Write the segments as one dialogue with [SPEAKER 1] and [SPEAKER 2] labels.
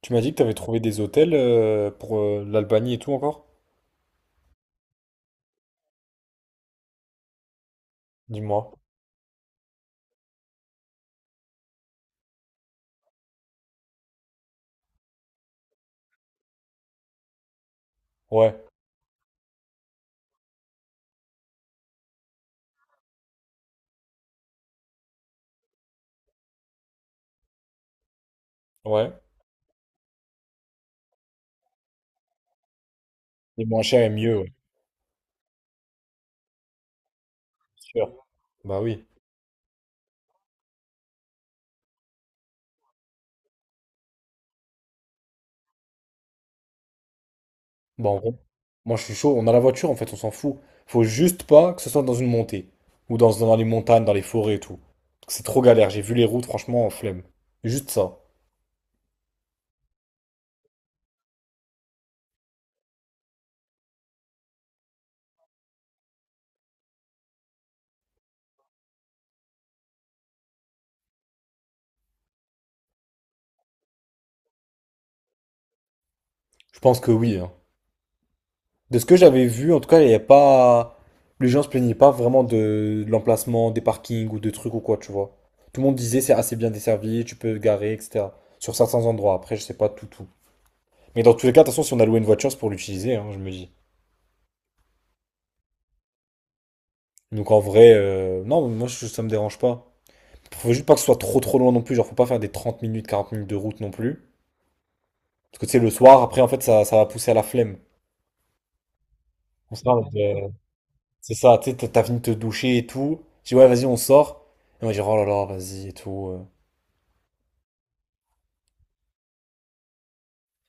[SPEAKER 1] Tu m'as dit que t'avais trouvé des hôtels pour l'Albanie et tout encore? Dis-moi. Ouais, ouais. Et moins cher et mieux, ouais. C'est sûr. Bah oui. Bah en vrai, moi je suis chaud. On a la voiture en fait, on s'en fout. Faut juste pas que ce soit dans une montée. Ou dans les montagnes, dans les forêts et tout. C'est trop galère. J'ai vu les routes, franchement, flemme. Juste ça. Je pense que oui, hein. De ce que j'avais vu, en tout cas, il n'y a pas. Les gens se plaignaient pas vraiment de l'emplacement, des parkings ou de trucs ou quoi, tu vois. Tout le monde disait c'est assez bien desservi, tu peux te garer, etc. Sur certains endroits. Après, je sais pas tout. Mais dans tous les cas, de toute façon, si on a loué une voiture, c'est pour l'utiliser, hein, je me dis. Donc en vrai, non, moi, ça me dérange pas. Faut juste pas que ce soit trop loin non plus. Genre, faut pas faire des 30 minutes, 40 minutes de route non plus. Parce que tu sais, le soir, après, en fait, ça va pousser à la flemme. On sera en mode, c'est ça, tu sais, t'as fini de te doucher et tout. Je dis, ouais, vas-y, on sort. Et moi, je dis, oh là là, vas-y et tout.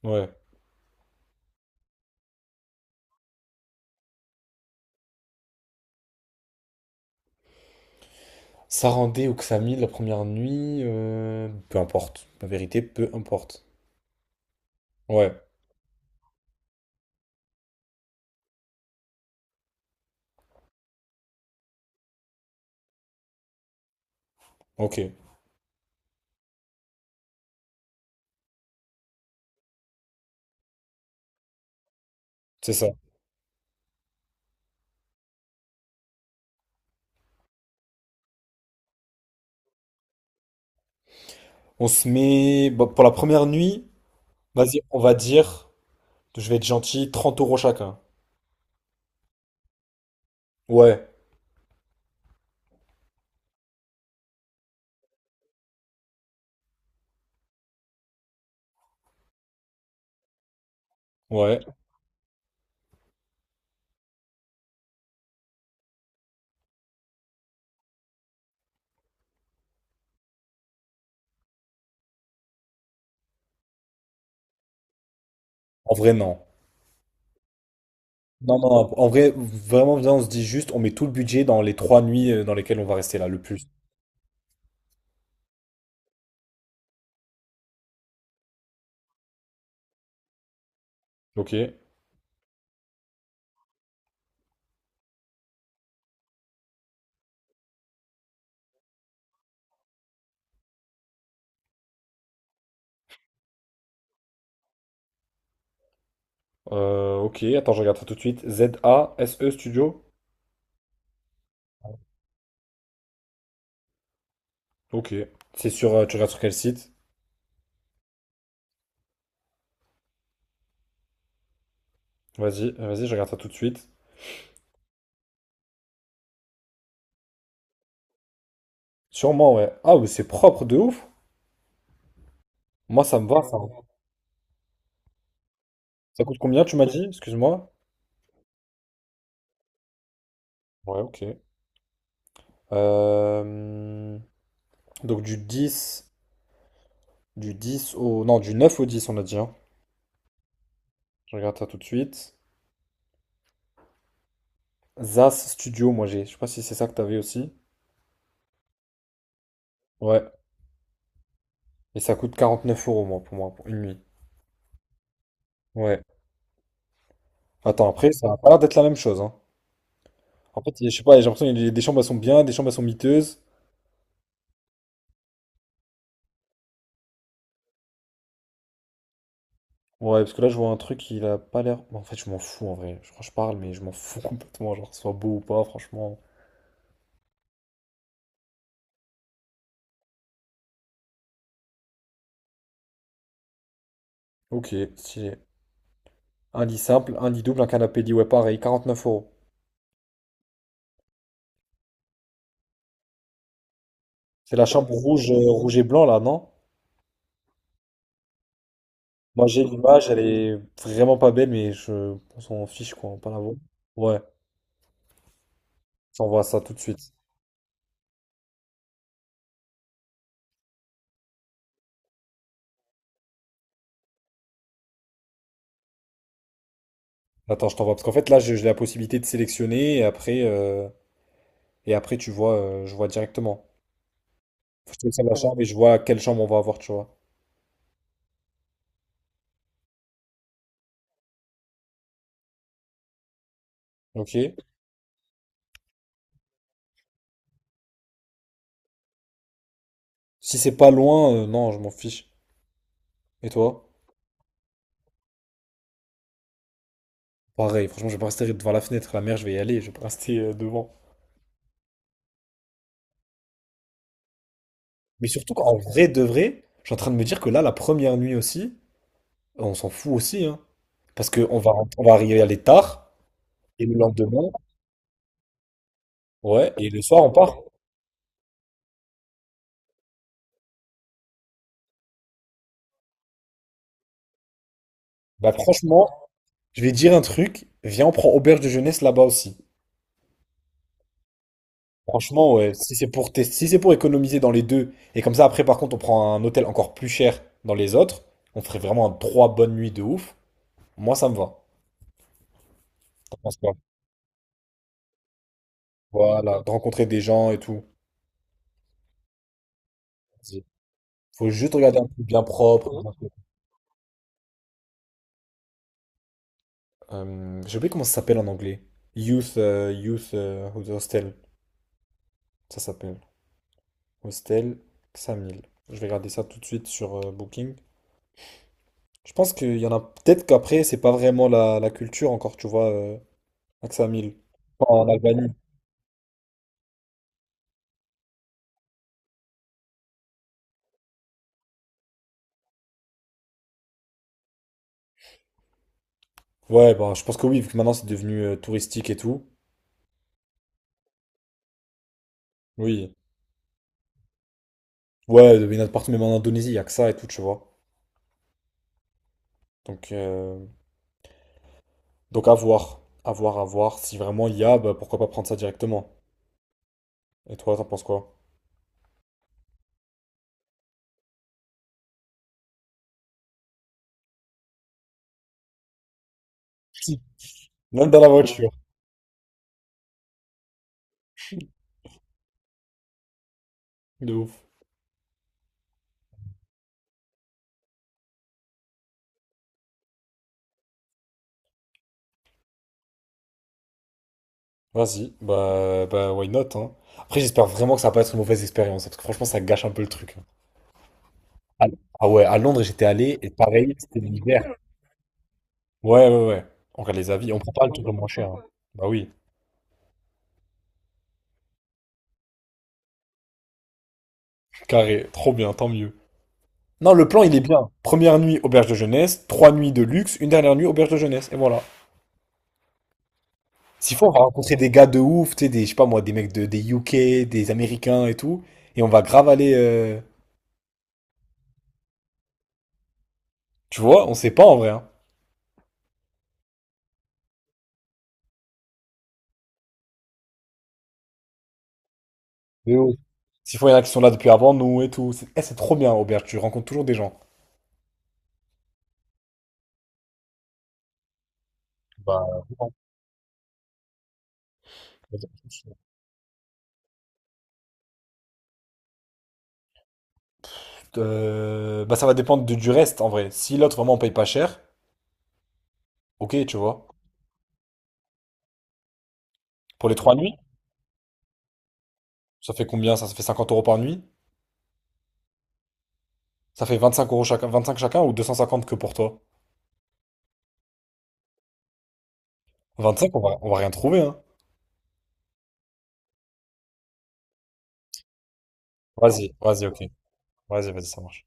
[SPEAKER 1] Ouais. Sarandé ou Xamil la première nuit, peu importe. La vérité, peu importe. Ouais, ok, c'est ça. On se met, bon, pour la première nuit, vas-y, on va dire, je vais être gentil, 30 € chacun. Ouais, ouais. En vrai, non. Non, non, non, en vrai, vraiment, viens, on se dit juste, on met tout le budget dans les trois nuits dans lesquelles on va rester là, le plus. Ok. Ok, attends, je regarde ça tout de suite. Z-A-S-E Studio? Ok. C'est sur, tu regardes sur quel site? Vas-y, vas-y, je regarde ça tout de suite. Sûrement, ouais. Ah, mais c'est propre de ouf. Moi, ça me va, ça. Ça coûte combien, tu m'as dit? Excuse-moi. Ouais, ok. Euh, donc, du 10 au... Non, du 9 au dix, on a dit, hein. Je regarde ça tout de suite. ZAS Studio, moi, j'ai. Je sais pas si c'est ça que t'avais aussi. Ouais. Et ça coûte 49 euros, moi, pour une nuit. Ouais. Attends, après, ça a pas l'air d'être la même chose, hein. En fait, je sais pas, j'ai l'impression qu'il y a des chambres, elles sont bien, des chambres, elles sont miteuses. Ouais, parce que là, je vois un truc, il a pas l'air. En fait, je m'en fous en vrai. Je crois que je parle, mais je m'en fous complètement. Genre, que ce soit beau ou pas, franchement. Ok, stylé. Un lit simple, un lit double, un canapé lit, ouais, pareil, quarante-neuf euros. C'est la chambre rouge, rouge et blanc là, non? Moi, j'ai l'image, elle est vraiment pas belle, mais je on s'en fiche quoi, on va pas la voir. Ouais, je t'envoie ça tout de suite. Attends, je t'envoie, parce qu'en fait, là, j'ai la possibilité de sélectionner et après tu vois, je vois directement. Faut que je laisse ma chambre et je vois quelle chambre on va avoir, tu vois. Ok. Si c'est pas loin, non, je m'en fiche. Et toi? Pareil, franchement, je vais pas rester devant la fenêtre. La mer, je vais y aller, je vais pas rester devant. Mais surtout qu'en vrai de vrai, je suis en train de me dire que là, la première nuit aussi, on s'en fout aussi, hein. Parce que on va arriver à aller tard, et le lendemain, ouais, et le soir, on part. Bah franchement, je vais dire un truc, viens, on prend auberge de jeunesse là-bas aussi. Franchement, ouais, si c'est pour tester, si c'est pour économiser dans les deux, et comme ça après par contre on prend un hôtel encore plus cher dans les autres, on ferait vraiment un trois bonnes nuits de ouf. Moi ça me va. T'en penses quoi? Voilà, de rencontrer des gens et tout. Vas-y. Faut juste regarder un truc bien propre. J'ai oublié comment ça s'appelle en anglais. Youth, Youth Hostel. Ça s'appelle. Hostel 5000. Je vais regarder ça tout de suite sur Booking. Je pense qu'il y en a peut-être qu'après, c'est pas vraiment la culture encore, tu vois, à 5000. Pas en Albanie. Ouais, bah, je pense que oui, vu que maintenant c'est devenu touristique et tout. Oui. Ouais, il y en a de partout, même en Indonésie, il y a que ça et tout, tu vois. Donc, euh, donc à voir. À voir, à voir. Si vraiment il y a, bah, pourquoi pas prendre ça directement. Et toi, t'en penses quoi? Si. Même dans la voiture. De ouf. Vas-y, bah, why not, hein. Après, j'espère vraiment que ça va pas être une mauvaise expérience, hein, parce que franchement, ça gâche un peu le truc. Ah ah ouais, à Londres, j'étais allé, et pareil, c'était l'hiver. Ouais, ouais, ouais. On regarde les avis, on prend pas le truc le moins cher, hein. Bah oui, carré, trop bien, tant mieux. Non, le plan, il est bien. Première nuit, auberge de jeunesse, trois nuits de luxe, une dernière nuit, auberge de jeunesse, et voilà. S'il faut, on va rencontrer des gars de ouf, tu sais, je sais pas moi, des UK, des Américains et tout, et on va grave aller, tu vois, on sait pas en vrai, hein. De ouf. S'il faut, il y en a qui sont là depuis avant nous et tout. C'est c'est trop bien, auberge, tu rencontres toujours des gens. Bah, ça va dépendre de du reste, en vrai. Si l'autre, vraiment, on paye pas cher, ok, tu vois. Pour les trois nuits, ça fait combien? Ça fait 50 € par nuit? Ça fait 25 € chacun, 25 chacun ou 250 que pour toi? 25, on va rien trouver, hein. Vas-y, vas-y, ok. Vas-y, vas-y, ça marche.